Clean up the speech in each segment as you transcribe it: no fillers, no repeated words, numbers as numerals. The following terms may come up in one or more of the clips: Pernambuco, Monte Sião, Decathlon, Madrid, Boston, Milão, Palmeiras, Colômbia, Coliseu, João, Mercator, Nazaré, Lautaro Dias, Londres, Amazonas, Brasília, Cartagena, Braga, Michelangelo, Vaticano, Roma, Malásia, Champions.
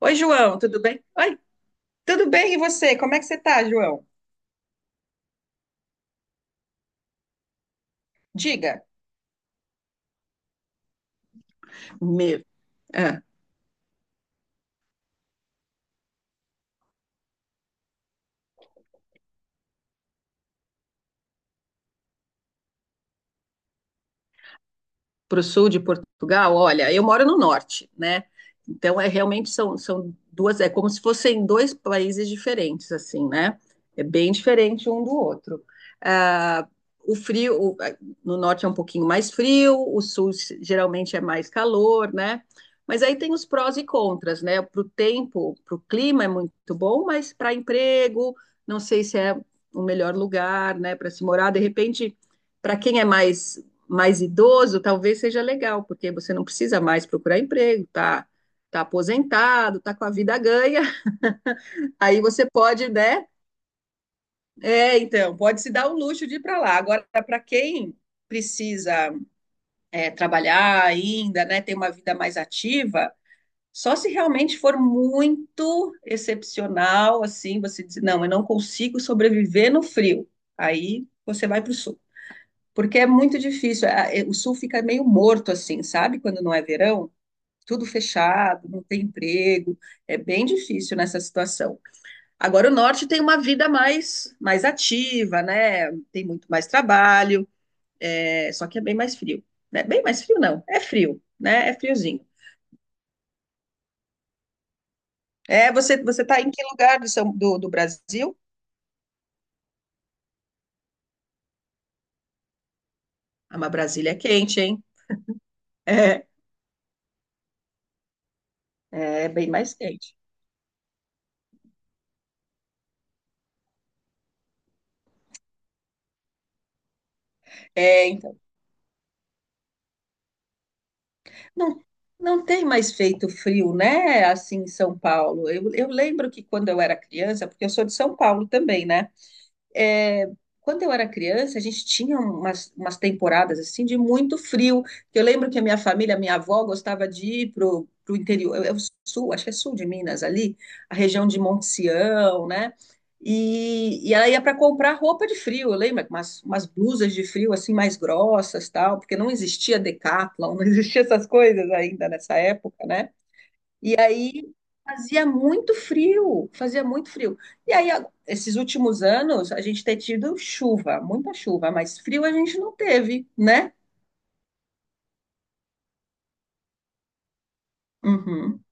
Oi, João, tudo bem? Tudo bem e você? Como é que você tá, João? Diga. Meu, para o sul de Portugal, olha, eu moro no norte, né? Então é realmente são duas, é como se fossem dois países diferentes, assim, né? É bem diferente um do outro. Ah, o frio, o- ah, no norte é um pouquinho mais frio, o sul geralmente é mais calor, né? Mas aí tem os prós e contras, né? Para o tempo, para o clima é muito bom, mas para emprego, não sei se é o melhor lugar, né, para se morar. De repente, para quem é mais idoso, talvez seja legal, porque você não precisa mais procurar emprego, tá, tá aposentado, tá com a vida ganha. Aí você pode, né? É, então, pode se dar o luxo de ir para lá. Agora, para quem precisa trabalhar ainda, né, ter uma vida mais ativa, só se realmente for muito excepcional, assim, você diz, não, eu não consigo sobreviver no frio. Aí você vai para o sul. Porque é muito difícil. O sul fica meio morto, assim, sabe? Quando não é verão, tudo fechado, não tem emprego. É bem difícil nessa situação. Agora, o norte tem uma vida mais ativa, né? Tem muito mais trabalho, só que é bem mais frio. Né? Bem mais frio, não. É frio, né? É friozinho. É, você tá em que lugar do, do Brasil? Ah, mas Brasília é quente, hein? É, é bem mais quente. É, Não, não tem mais feito frio, né? Assim em São Paulo. Eu lembro que quando eu era criança, porque eu sou de São Paulo também, né? é, quando eu era criança, a gente tinha umas temporadas assim de muito frio. Que eu lembro que a minha família, a minha avó gostava de ir pro interior, é o sul, acho que é sul de Minas ali, a região de Monte Sião, né? E ela ia para comprar roupa de frio, lembra? Umas blusas de frio assim mais grossas, tal, porque não existia Decathlon, não existia essas coisas ainda nessa época, né? E aí fazia muito frio, fazia muito frio. E aí, esses últimos anos, a gente tem tido chuva, muita chuva, mas frio a gente não teve, né? Uhum,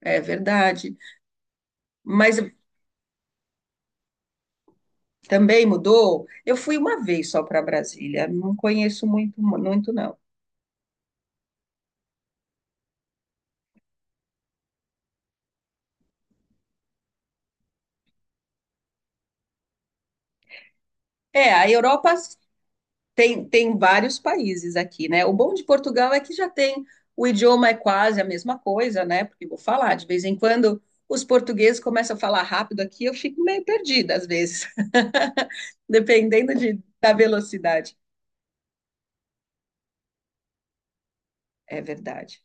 é verdade. Mas também mudou. Eu fui uma vez só para Brasília, não conheço muito, muito não. É, a Europa tem, tem vários países aqui, né? O bom de Portugal é que já tem, o idioma é quase a mesma coisa, né? Porque eu vou falar, de vez em quando os portugueses começam a falar rápido aqui, eu fico meio perdida às vezes, dependendo da velocidade. É verdade.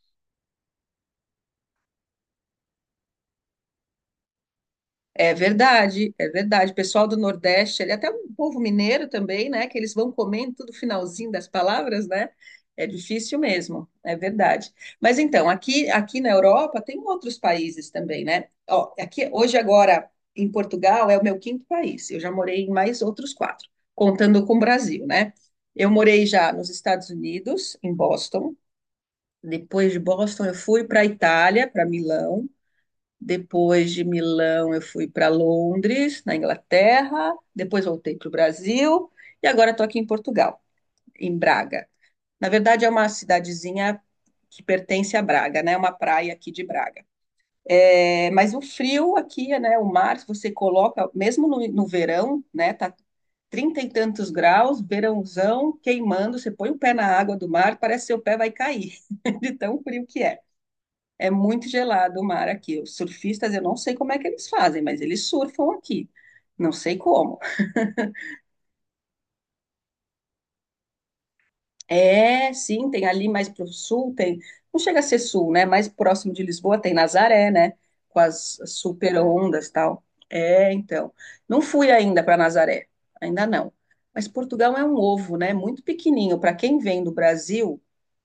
É verdade, é verdade. O pessoal do Nordeste, ele até um povo mineiro também, né? Que eles vão comendo tudo finalzinho das palavras, né? É difícil mesmo, é verdade. Mas então, aqui na Europa tem outros países também, né? Ó, aqui hoje agora em Portugal é o meu quinto país. Eu já morei em mais outros quatro, contando com o Brasil, né? Eu morei já nos Estados Unidos, em Boston. Depois de Boston, eu fui para a Itália, para Milão. Depois de Milão, eu fui para Londres, na Inglaterra. Depois voltei para o Brasil. E agora estou aqui em Portugal, em Braga. Na verdade, é uma cidadezinha que pertence a Braga, né? É uma praia aqui de Braga. É, mas o frio aqui, né? O mar, se você coloca, mesmo no verão, né? Tá trinta e tantos graus, verãozão, queimando. Você põe o pé na água do mar, parece que seu pé vai cair, de tão frio que é. É muito gelado o mar aqui. Os surfistas, eu não sei como é que eles fazem, mas eles surfam aqui. Não sei como. É, sim, tem ali mais para o sul, tem. Não chega a ser sul, né? Mais próximo de Lisboa tem Nazaré, né? Com as super ondas e tal. É, então. Não fui ainda para Nazaré, ainda não. Mas Portugal é um ovo, né? Muito pequenininho. Para quem vem do Brasil,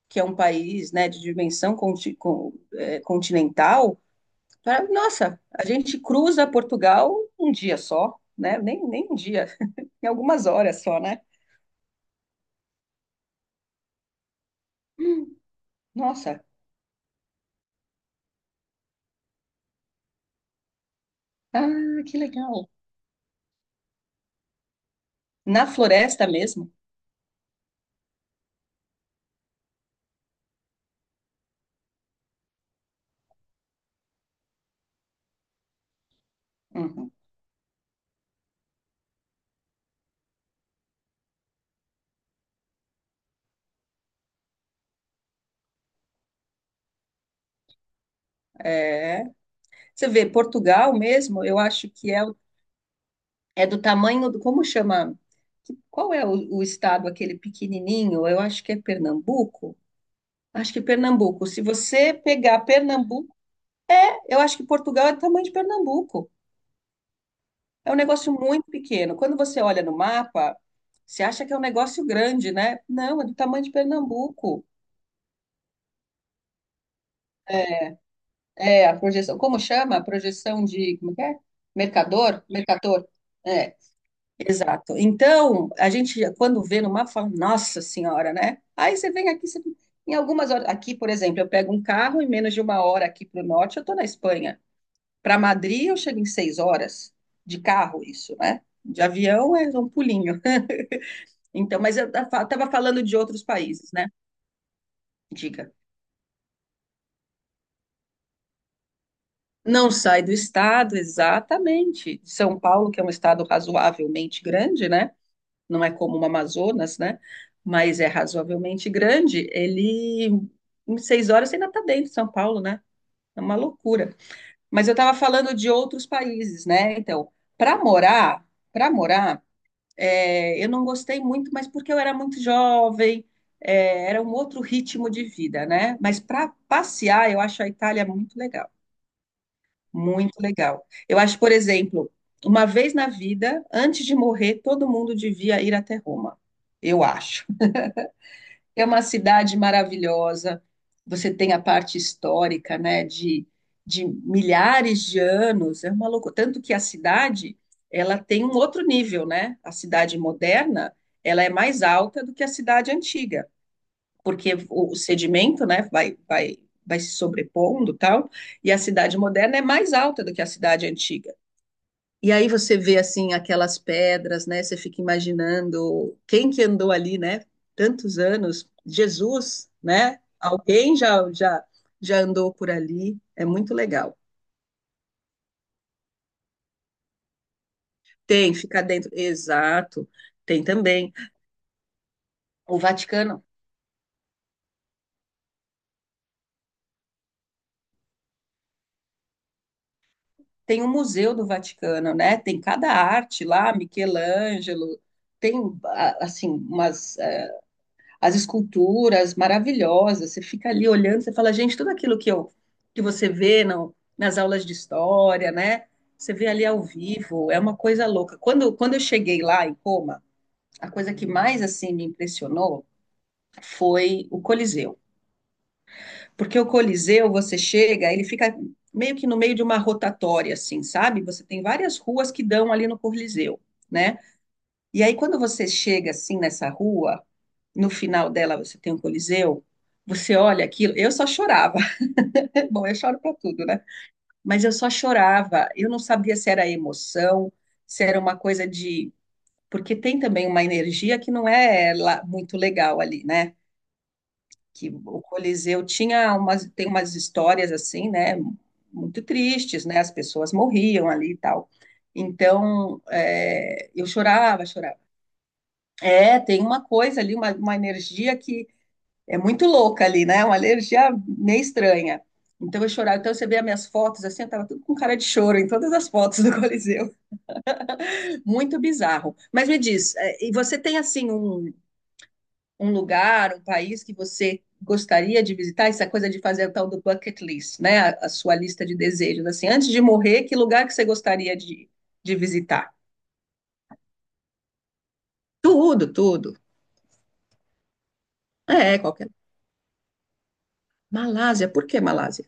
que é um país, né, de dimensão continental. Nossa, a gente cruza Portugal um dia só, né? Nem um dia, em algumas horas só, né? Nossa, ah, que legal. Na floresta mesmo. Uhum. É. Você vê, Portugal mesmo, eu acho que é, é do tamanho do, como chama? Qual é o estado aquele pequenininho? Eu acho que é Pernambuco. Acho que é Pernambuco. Se você pegar Pernambuco, eu acho que Portugal é do tamanho de Pernambuco. É um negócio muito pequeno. Quando você olha no mapa, você acha que é um negócio grande, né? Não, é do tamanho de Pernambuco. É, a projeção, como chama? A projeção de, como é que é? Mercador? Mercator. É, exato. Então, a gente, quando vê no mapa, fala, nossa senhora, né? Aí você vem aqui, em algumas horas, aqui, por exemplo, eu pego um carro, em menos de uma hora aqui para o norte, eu estou na Espanha. Para Madrid, eu chego em 6 horas de carro, isso, né? De avião é um pulinho. Então, mas eu estava falando de outros países, né? Diga. Não sai do estado, exatamente. São Paulo, que é um estado razoavelmente grande, né? Não é como o Amazonas, né? Mas é razoavelmente grande. Ele, em 6 horas, você ainda está dentro de São Paulo, né? É uma loucura. Mas eu estava falando de outros países, né? Então, para morar, para morar, é, eu não gostei muito, mas porque eu era muito jovem, era um outro ritmo de vida, né? Mas para passear, eu acho a Itália muito legal, muito legal. Eu acho, por exemplo, uma vez na vida, antes de morrer, todo mundo devia ir até Roma, eu acho. É uma cidade maravilhosa. Você tem a parte histórica, né, de milhares de anos. É uma loucura. Tanto que a cidade, ela tem um outro nível, né? A cidade moderna, ela é mais alta do que a cidade antiga, porque o sedimento, né, vai se sobrepondo, tal, e a cidade moderna é mais alta do que a cidade antiga. E aí você vê assim aquelas pedras, né? Você fica imaginando quem que andou ali, né? Tantos anos, Jesus, né? Alguém já já andou por ali. É muito legal. Tem, fica dentro. Exato. Tem também o Vaticano. Tem o Museu do Vaticano, né? Tem cada arte lá, Michelangelo. Tem assim umas as esculturas maravilhosas. Você fica ali olhando, você fala, gente, tudo aquilo que você vê não, nas aulas de história, né? Você vê ali ao vivo, é uma coisa louca. Quando eu cheguei lá em Roma, a coisa que mais assim me impressionou foi o Coliseu. Porque o Coliseu, você chega, ele fica meio que no meio de uma rotatória assim, sabe? Você tem várias ruas que dão ali no Coliseu, né? E aí, quando você chega assim nessa rua, no final dela você tem um Coliseu, você olha aquilo, eu só chorava. Bom, eu choro para tudo, né? Mas eu só chorava. Eu não sabia se era emoção, se era uma coisa de. Porque tem também uma energia que não é lá muito legal ali, né? Que o Coliseu tem umas histórias assim, né? Muito tristes, né? As pessoas morriam ali e tal. Então, é, eu chorava, chorava. É, tem uma coisa ali, uma energia que é muito louca ali, né? Uma energia meio estranha. Então eu chorava. Então você vê as minhas fotos assim, eu tava tudo com cara de choro em todas as fotos do Coliseu. Muito bizarro. Mas me diz, é, e você tem assim um lugar, um país que você gostaria de visitar? Essa coisa de fazer o tal do bucket list, né? A sua lista de desejos, assim, antes de morrer, que lugar que você gostaria de visitar? Tudo, tudo. É, qualquer. Malásia, por que Malásia?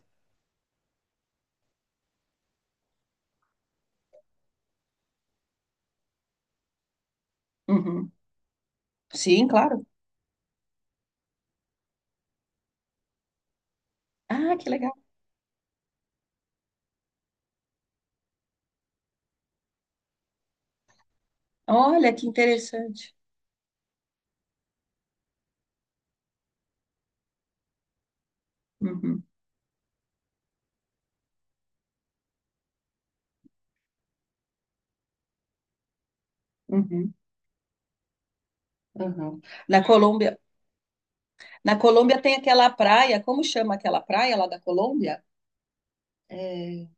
Uhum. Sim, claro. Ah, que legal. Olha, que interessante. Uhum, uhum, uhum. Na Colômbia, na Colômbia tem aquela praia, como chama aquela praia lá da Colômbia? É,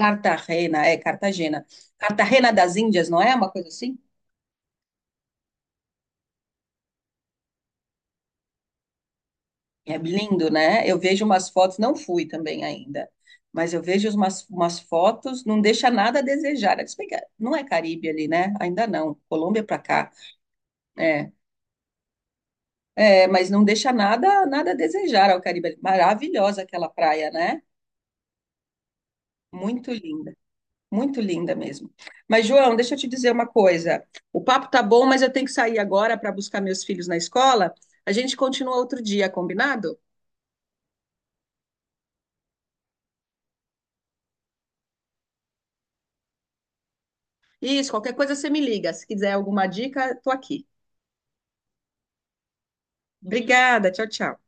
Cartagena, é Cartagena. Cartagena das Índias, não é uma coisa assim? É lindo, né? Eu vejo umas fotos, não fui também ainda, mas eu vejo umas fotos, não deixa nada a desejar. Se bem que não é Caribe ali, né? Ainda não. Colômbia para cá. É. É, mas não deixa nada a desejar ao Caribe. Maravilhosa aquela praia, né? Muito linda, muito linda mesmo. Mas, João, deixa eu te dizer uma coisa. O papo tá bom, mas eu tenho que sair agora para buscar meus filhos na escola. A gente continua outro dia, combinado? Isso, qualquer coisa você me liga. Se quiser alguma dica, tô aqui. Obrigada, tchau, tchau.